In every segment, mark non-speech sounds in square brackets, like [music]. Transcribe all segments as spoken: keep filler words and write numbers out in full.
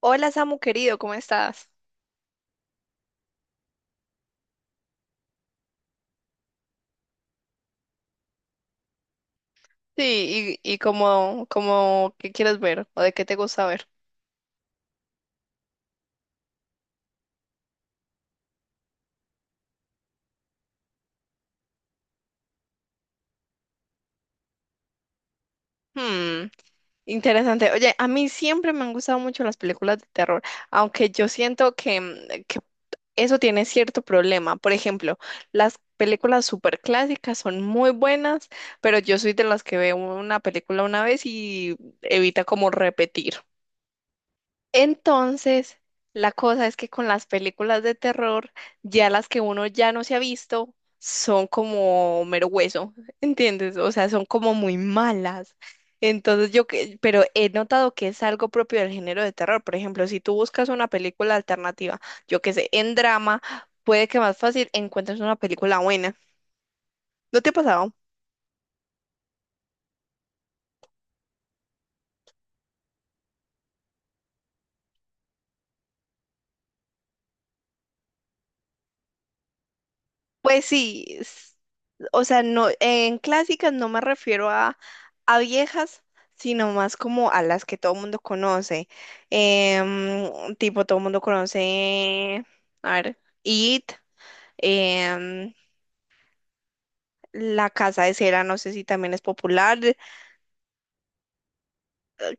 Hola Samu querido, ¿cómo estás? Sí, y, y como, como, ¿qué quieres ver? ¿O de qué te gusta ver? Hmm, interesante. Oye, a mí siempre me han gustado mucho las películas de terror, aunque yo siento que, mm, que eso tiene cierto problema. Por ejemplo, las películas súper clásicas son muy buenas, pero yo soy de las que veo una película una vez y evita como repetir. Entonces, la cosa es que con las películas de terror, ya las que uno ya no se ha visto, son como mero hueso, [laughs] ¿entiendes? O sea, son como muy malas. Entonces yo, que- pero he notado que es algo propio del género de terror. Por ejemplo, si tú buscas una película alternativa, yo qué sé, en drama, puede que más fácil encuentres una película buena. ¿No te ha pasado? Pues sí, s- o sea, no, en clásicas no me refiero a, a viejas, sino más como a las que todo el mundo conoce. Em, tipo, todo el mundo conoce, a ver, It, em, La Casa de Cera, no sé si también es popular.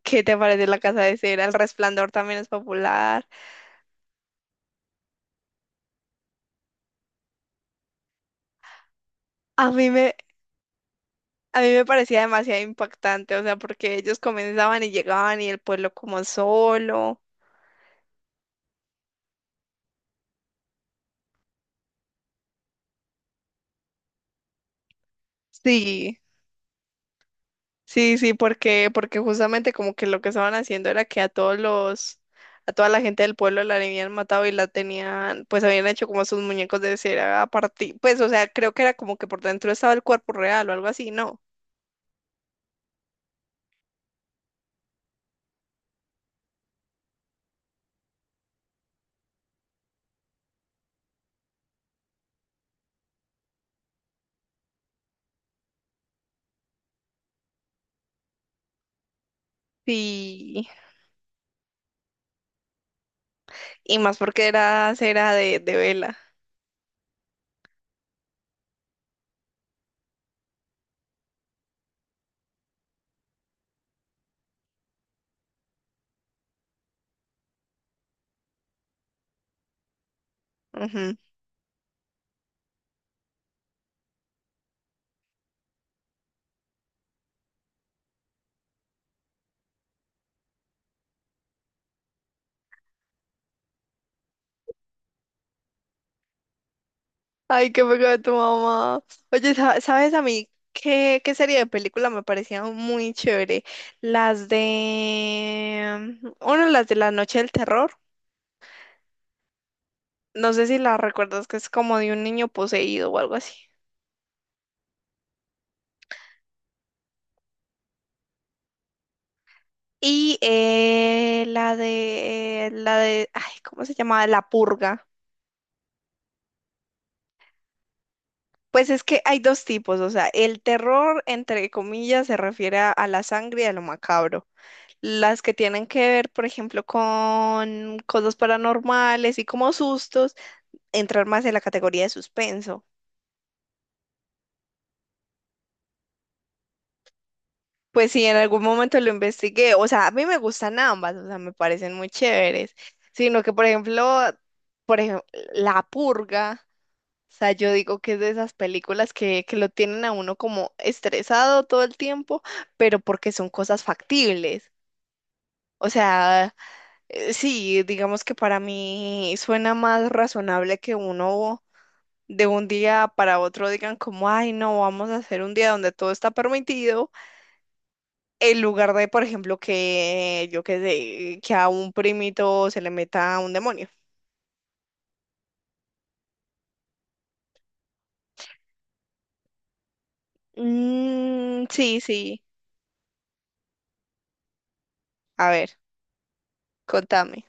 ¿Qué te parece La Casa de Cera? El Resplandor también es popular. A mí me, a mí me parecía demasiado impactante, o sea, porque ellos comenzaban y llegaban y el pueblo como solo. Sí. Sí, sí, porque, porque justamente como que lo que estaban haciendo era que a todos los, a toda la gente del pueblo la habían matado y la tenían, pues habían hecho como sus muñecos de cera a partir, pues, o sea, creo que era como que por dentro estaba el cuerpo real o algo así, ¿no? Sí, y más porque era cera de, de vela. Ujú. Ay, qué pecado de tu mamá. Oye, sa- ¿sabes a mí qué, qué serie de película me parecía muy chévere? Las de, mm, bueno, las de La Noche del Terror. No sé si la recuerdas, que es como de un niño poseído o algo así. Y eh, la de, la de, ay, ¿cómo se llamaba? La purga. Pues es que hay dos tipos, o sea, el terror, entre comillas, se refiere a, a la sangre y a lo macabro. Las que tienen que ver, por ejemplo, con cosas paranormales y como sustos, entrar más en la categoría de suspenso. Pues sí, en algún momento lo investigué. O sea, a mí me gustan ambas, o sea, me parecen muy chéveres. Sino que, por ejemplo, por ejemplo, La Purga, o sea, yo digo que es de esas películas que, que lo tienen a uno como estresado todo el tiempo, pero porque son cosas factibles. O sea, eh, sí, digamos que para mí suena más razonable que uno de un día para otro digan como, ay, no, vamos a hacer un día donde todo está permitido. En lugar de, por ejemplo, que yo que sé, que a un primito se le meta un demonio. Mm, sí, sí. A ver, contame.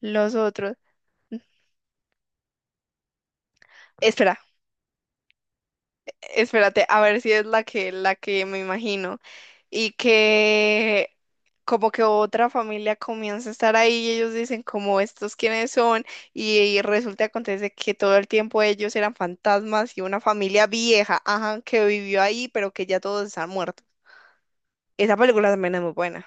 Los otros. Espera, espérate, a ver si es la que, la que me imagino. Y que como que otra familia comienza a estar ahí y ellos dicen como estos quiénes son y, y resulta acontece que todo el tiempo ellos eran fantasmas y una familia vieja, ajá, que vivió ahí pero que ya todos están muertos. Esa película también es muy buena.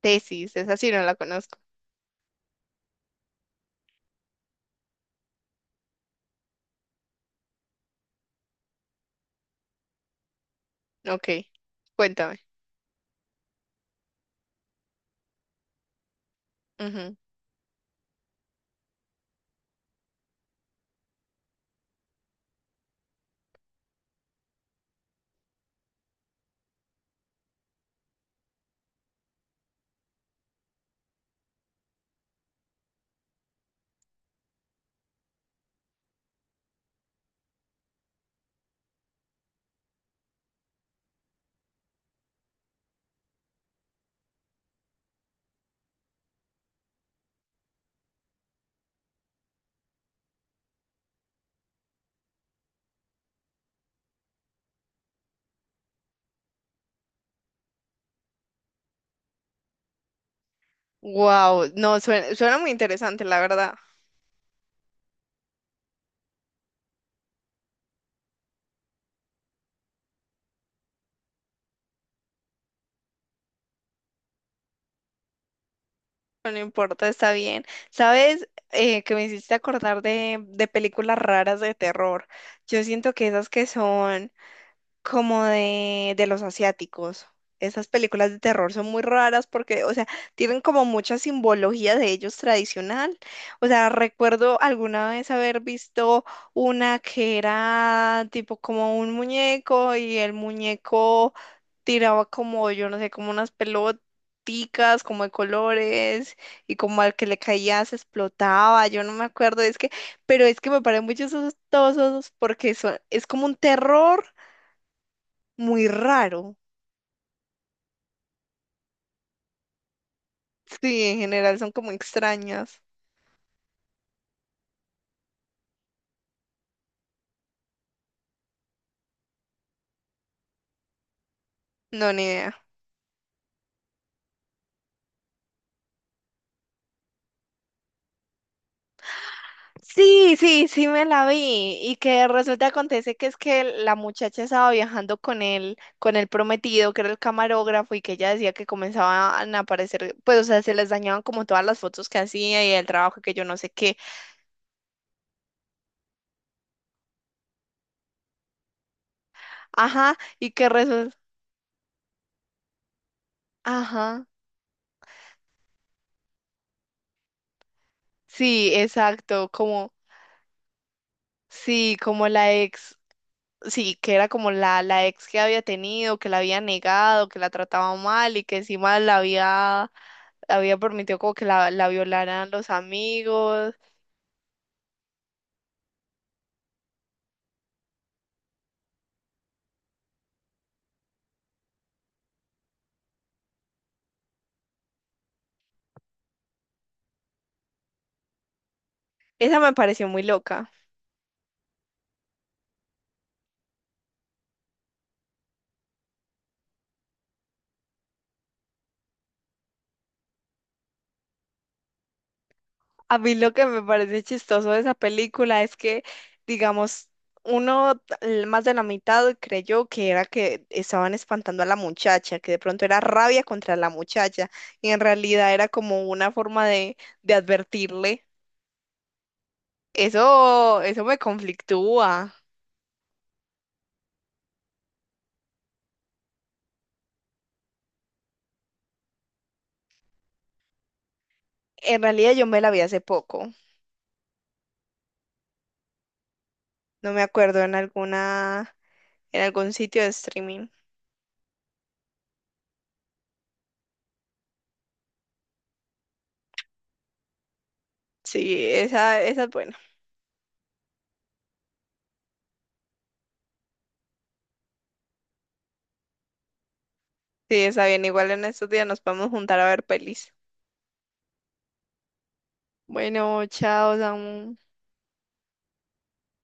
Tesis, esa sí no la conozco. Ok, cuéntame. Wow, no, suena, suena muy interesante, la verdad. No no importa, está bien. ¿Sabes? Eh, que me hiciste acordar de, de películas raras de terror. Yo siento que esas que son como de, de los asiáticos. Esas películas de terror son muy raras porque, o sea, tienen como mucha simbología de ellos tradicional. O sea, recuerdo alguna vez haber visto una que era tipo como un muñeco y el muñeco tiraba como, yo no sé, como unas peloticas, como de colores y como al que le caía se explotaba. Yo no me acuerdo, es que, pero es que me parecen muy chistosos porque son, es como un terror muy raro. Sí, en general son como extrañas. No, ni idea. Sí, sí, sí me la vi y que resulta acontece que es que la muchacha estaba viajando con él, con el prometido que era el camarógrafo y que ella decía que comenzaban a aparecer, pues o sea, se les dañaban como todas las fotos que hacía y el trabajo que yo no sé qué. Ajá, y que resulta, ajá, sí, exacto, como, sí, como la ex. Sí, que era como la, la ex que había tenido, que la había negado, que la trataba mal y que encima la había, la había permitido como que la, la violaran los amigos. Esa me pareció muy loca. A mí lo que me parece chistoso de esa película es que, digamos, uno l- más de la mitad creyó que era que estaban espantando a la muchacha, que de pronto era rabia contra la muchacha y en realidad era como una forma de, de advertirle. Eso, eso me conflictúa. En realidad yo me la vi hace poco. No me acuerdo en alguna, en algún sitio de streaming. Sí, esa, esa es buena. Sí, esa bien. Igual en estos días nos podemos juntar a ver pelis. Bueno, chao, Samu.